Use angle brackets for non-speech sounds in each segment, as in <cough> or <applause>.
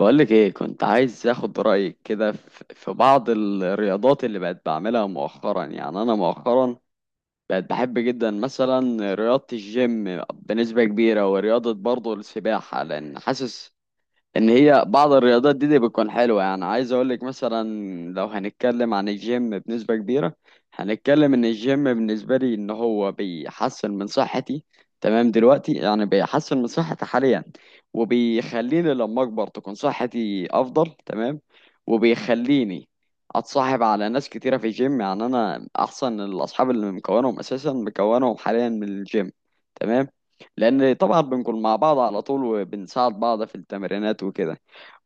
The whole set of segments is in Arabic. بقولك ايه، كنت عايز اخد رأيك كده في بعض الرياضات اللي بقت بعملها مؤخرا. يعني انا مؤخرا بقت بحب جدا مثلا رياضة الجيم بنسبة كبيرة، ورياضة برضه السباحة لان حاسس ان هي بعض الرياضات دي بتكون حلوه. يعني عايز اقول لك مثلا لو هنتكلم عن الجيم بنسبه كبيره، هنتكلم ان الجيم بالنسبه لي ان هو بيحسن من صحتي. تمام. دلوقتي يعني بيحسن من صحتي حاليا، وبيخليني لما اكبر تكون صحتي افضل. تمام. وبيخليني اتصاحب على ناس كتيره في الجيم، يعني انا احسن الاصحاب اللي مكونهم اساسا مكونهم حاليا من الجيم. تمام. لان طبعا بنكون مع بعض على طول وبنساعد بعض في التمرينات وكده.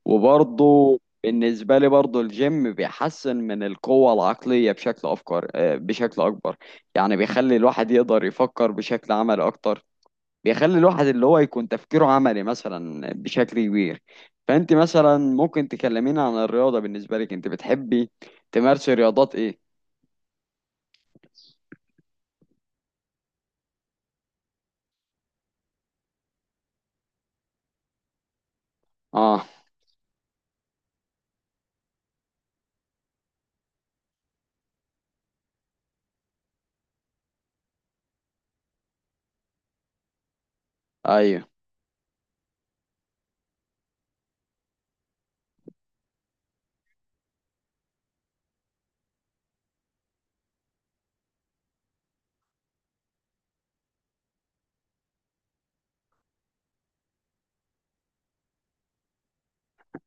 وبرضه بالنسبة لي برضه الجيم بيحسن من القوة العقلية بشكل أفكار، بشكل أكبر. يعني بيخلي الواحد يقدر يفكر بشكل عملي أكتر. بيخلي الواحد اللي هو يكون تفكيره عملي مثلا بشكل كبير. فأنت مثلا ممكن تكلمينا عن الرياضة، بالنسبة لك أنت بتحبي تمارسي رياضات إيه؟ آه. أيوه،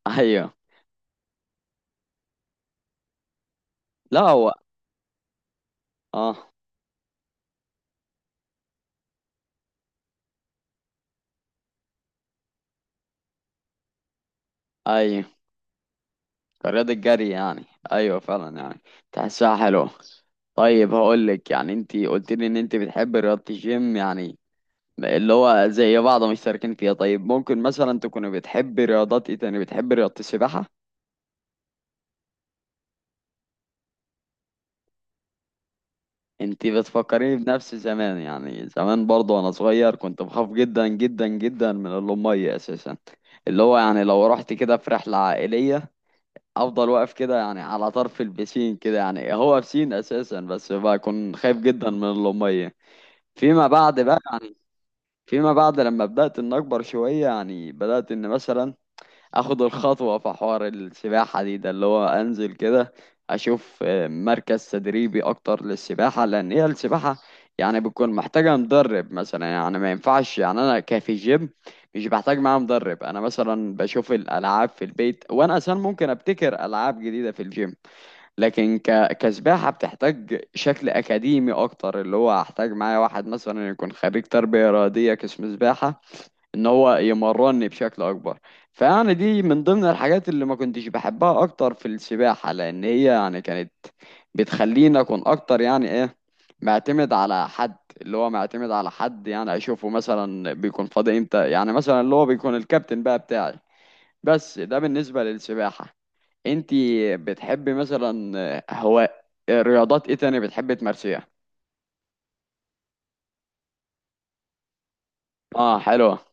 أيوه. لا، هو. آه، أيوه. كرياضة جري يعني. ايوه، فعلا يعني، تحسها حلوة. طيب، هقول لك. يعني انت قلت لي ان انت بتحب رياضة الجيم، يعني اللي هو زي بعض مشتركين فيها. طيب، ممكن مثلا تكوني بتحبي رياضات ايه تاني؟ بتحبي رياضة السباحة؟ انت بتفكريني بنفس زمان. يعني زمان برضه وانا صغير كنت بخاف جدا جدا جدا من المية اساسا. اللي هو يعني لو رحت كده في رحلة عائلية، افضل واقف كده يعني على طرف البسين، كده يعني هو بسين اساسا، بس بكون خايف جدا من المية. فيما بعد بقى يعني، فيما بعد لما بدأت ان اكبر شوية، يعني بدأت ان مثلا اخد الخطوة في حوار السباحة دي. ده اللي هو انزل كده، اشوف مركز تدريبي اكتر للسباحة، لان هي السباحة يعني بتكون محتاجة مدرب مثلا. يعني ما ينفعش، يعني انا كفي جيم مش بحتاج معاه مدرب. انا مثلا بشوف الالعاب في البيت، وانا اصلا ممكن ابتكر العاب جديدة في الجيم. لكن كسباحة بتحتاج شكل أكاديمي أكتر، اللي هو هحتاج معايا واحد مثلا يكون خريج تربية رياضية قسم سباحة، إن هو يمرني بشكل أكبر. فيعني دي من ضمن الحاجات اللي ما كنتش بحبها أكتر في السباحة، لأن هي يعني كانت بتخليني أكون أكتر يعني إيه، معتمد على حد. اللي هو معتمد على حد، يعني أشوفه مثلا بيكون فاضي إمتى، يعني مثلا اللي هو بيكون الكابتن بقى بتاعي. بس ده بالنسبة للسباحة. انتي بتحبي مثلا، هو رياضات ايه تاني بتحبي تمارسيها؟ اه، حلوة.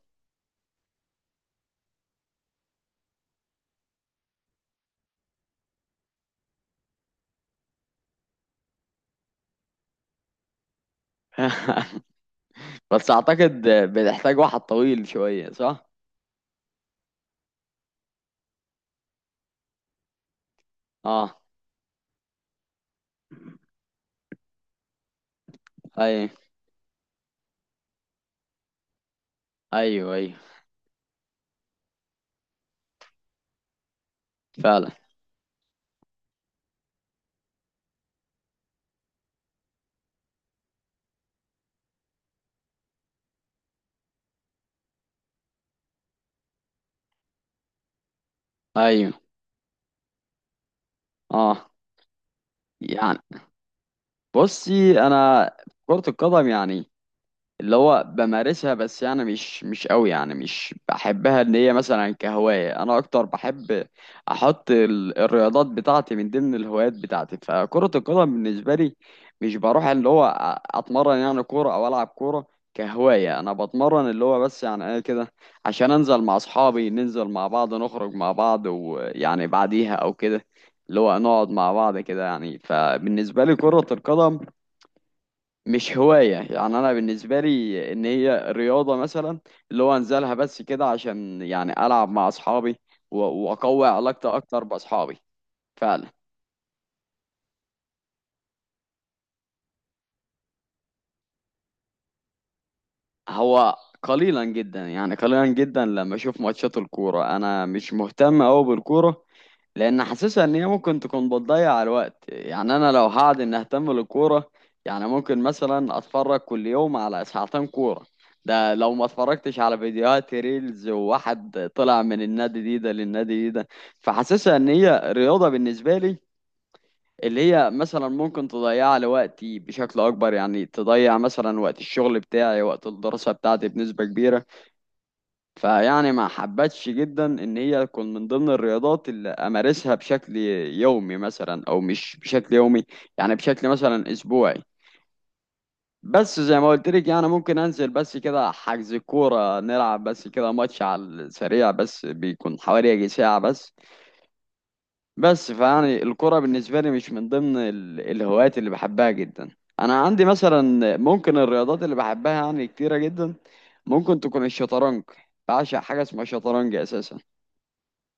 <laughs> بس اعتقد بتحتاج واحد طويل شوية، صح؟ اه، اي، ايوه، ايوه. فعلا. ايوه، اه. يعني بصي انا، كرة القدم يعني اللي هو بمارسها بس، يعني مش قوي. يعني مش بحبها ان هي مثلا كهواية. انا اكتر بحب احط الرياضات بتاعتي من ضمن الهوايات بتاعتي. فكرة القدم بالنسبة لي مش بروح اللي هو اتمرن، يعني كورة او العب كورة. كهواية انا بتمرن اللي هو بس، يعني انا كده عشان انزل مع اصحابي، ننزل مع بعض، نخرج مع بعض، ويعني بعديها او كده، اللي هو نقعد مع بعض كده. يعني فبالنسبة لي كرة القدم مش هواية. يعني أنا بالنسبة لي إن هي رياضة مثلا اللي هو أنزلها بس كده عشان يعني ألعب مع أصحابي، و- وأقوي علاقتي أكتر بأصحابي. فعلا. هو قليلا جدا، يعني قليلا جدا لما أشوف ماتشات الكورة. أنا مش مهتم أوي بالكورة، لان حاسسها ان هي ممكن تكون بتضيع الوقت. يعني انا لو هقعد ان اهتم بالكوره، يعني ممكن مثلا اتفرج كل يوم على ساعتين كوره. ده لو ما اتفرجتش على فيديوهات ريلز، وواحد طلع من النادي دي ده للنادي دي ده. فحاسسها ان هي رياضه بالنسبه لي، اللي هي مثلا ممكن تضيع لي وقتي بشكل اكبر. يعني تضيع مثلا وقت الشغل بتاعي، وقت الدراسه بتاعتي بنسبه كبيره. فيعني ما حبتش جدا ان هي تكون من ضمن الرياضات اللي امارسها بشكل يومي مثلا، او مش بشكل يومي، يعني بشكل مثلا اسبوعي. بس زي ما قلت لك يعني، ممكن انزل بس كده، حجز كورة نلعب بس كده، ماتش على السريع بس، بيكون حوالي يجي ساعة بس. بس فيعني الكورة بالنسبة لي مش من ضمن الهوايات اللي بحبها جدا. انا عندي مثلا ممكن الرياضات اللي بحبها يعني كتيرة جدا، ممكن تكون الشطرنج. بعشق حاجة اسمها شطرنج اساسا.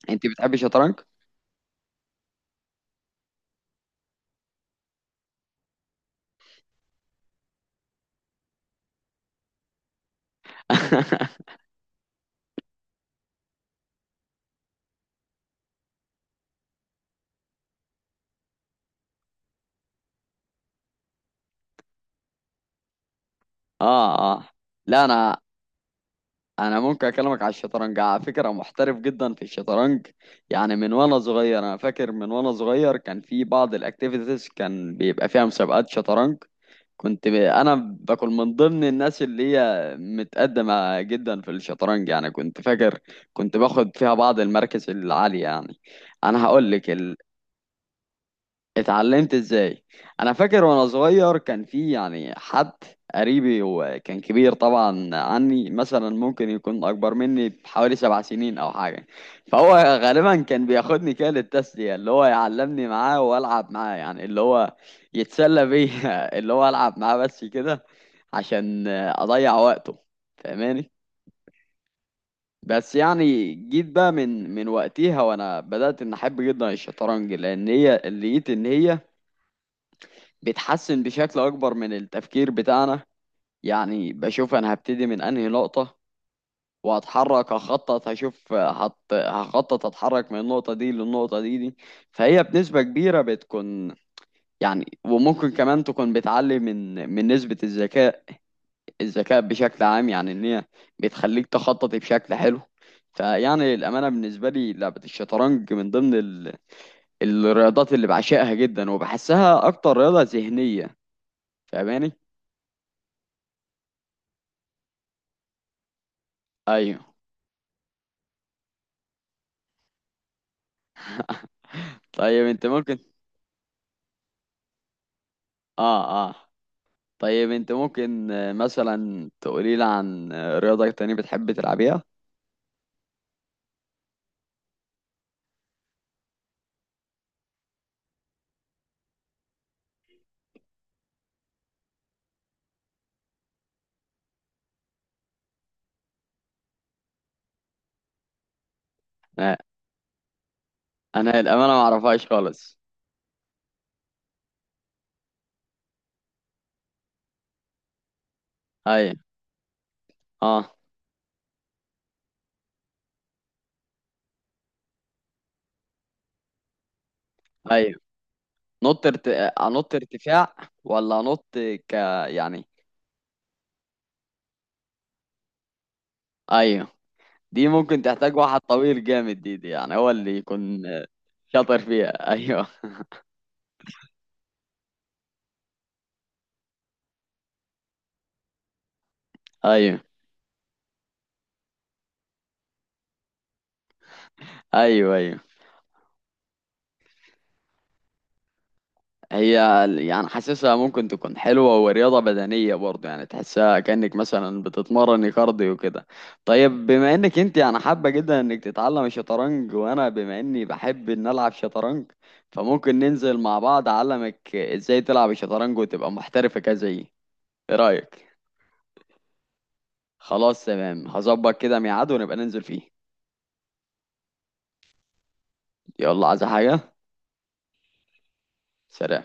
انت بتحبي الشطرنج؟ <laughs> اه، اه. لا، انا ممكن اكلمك على الشطرنج على فكره. محترف جدا في الشطرنج. يعني من وانا صغير، انا فاكر من وانا صغير كان في بعض الاكتيفيتيز كان بيبقى فيها مسابقات شطرنج. انا بكون من ضمن الناس اللي هي متقدمه جدا في الشطرنج. يعني كنت فاكر كنت باخد فيها بعض المراكز العاليه يعني. انا هقول لك. اتعلمت ازاي. انا فاكر وانا صغير كان في يعني حد قريبي، وكان كبير طبعا عني، مثلا ممكن يكون اكبر مني بحوالي 7 سنين او حاجه. فهو غالبا كان بياخدني كده للتسليه، اللي هو يعلمني معاه والعب معاه، يعني اللي هو يتسلى بيا <laughs> اللي هو العب معاه بس كده عشان اضيع وقته. فاهماني؟ بس يعني جيت بقى من وقتها، وانا بدات ان احب جدا الشطرنج، لان هي لقيت ان هي بتحسن بشكل أكبر من التفكير بتاعنا. يعني بشوف أنا هبتدي من أنهي نقطة، وهتحرك، هخطط، هشوف، هخطط أتحرك من النقطة دي للنقطة دي. فهي بنسبة كبيرة بتكون، يعني وممكن كمان تكون بتعلي من نسبة الذكاء، الذكاء بشكل عام. يعني إن هي بتخليك تخطط بشكل حلو. فيعني الأمانة بالنسبة لي لعبة الشطرنج من ضمن الرياضات اللي بعشقها جدا، وبحسها أكتر رياضة ذهنية. فاهماني؟ أيوه. طيب انت ممكن اه، اه. طيب، انت ممكن مثلا تقولي لي عن رياضة تانية بتحب تلعبيها؟ آه. انا الامانة ما اعرفهاش خالص. ايوه، اه، ايوه. نط ارت... آه، انط ارتفاع. ولا انط ك يعني، ايوه. دي ممكن تحتاج واحد طويل جامد، دي يعني هو اللي يكون شاطر فيها. <laughs> ايوه، ايوه، ايوه، ايوه. هي يعني حاسسها ممكن تكون حلوة ورياضة بدنية برضه. يعني تحسها كأنك مثلا بتتمرن كارديو كده. طيب بما انك انت يعني حابة جدا انك تتعلم الشطرنج، وانا بما اني بحب ان العب شطرنج، فممكن ننزل مع بعض اعلمك ازاي تلعب الشطرنج، وتبقى محترفة كزيي. ايه رأيك؟ خلاص تمام. هظبط كده ميعاد ونبقى ننزل فيه. يلا، عايزة حاجة؟ سلام.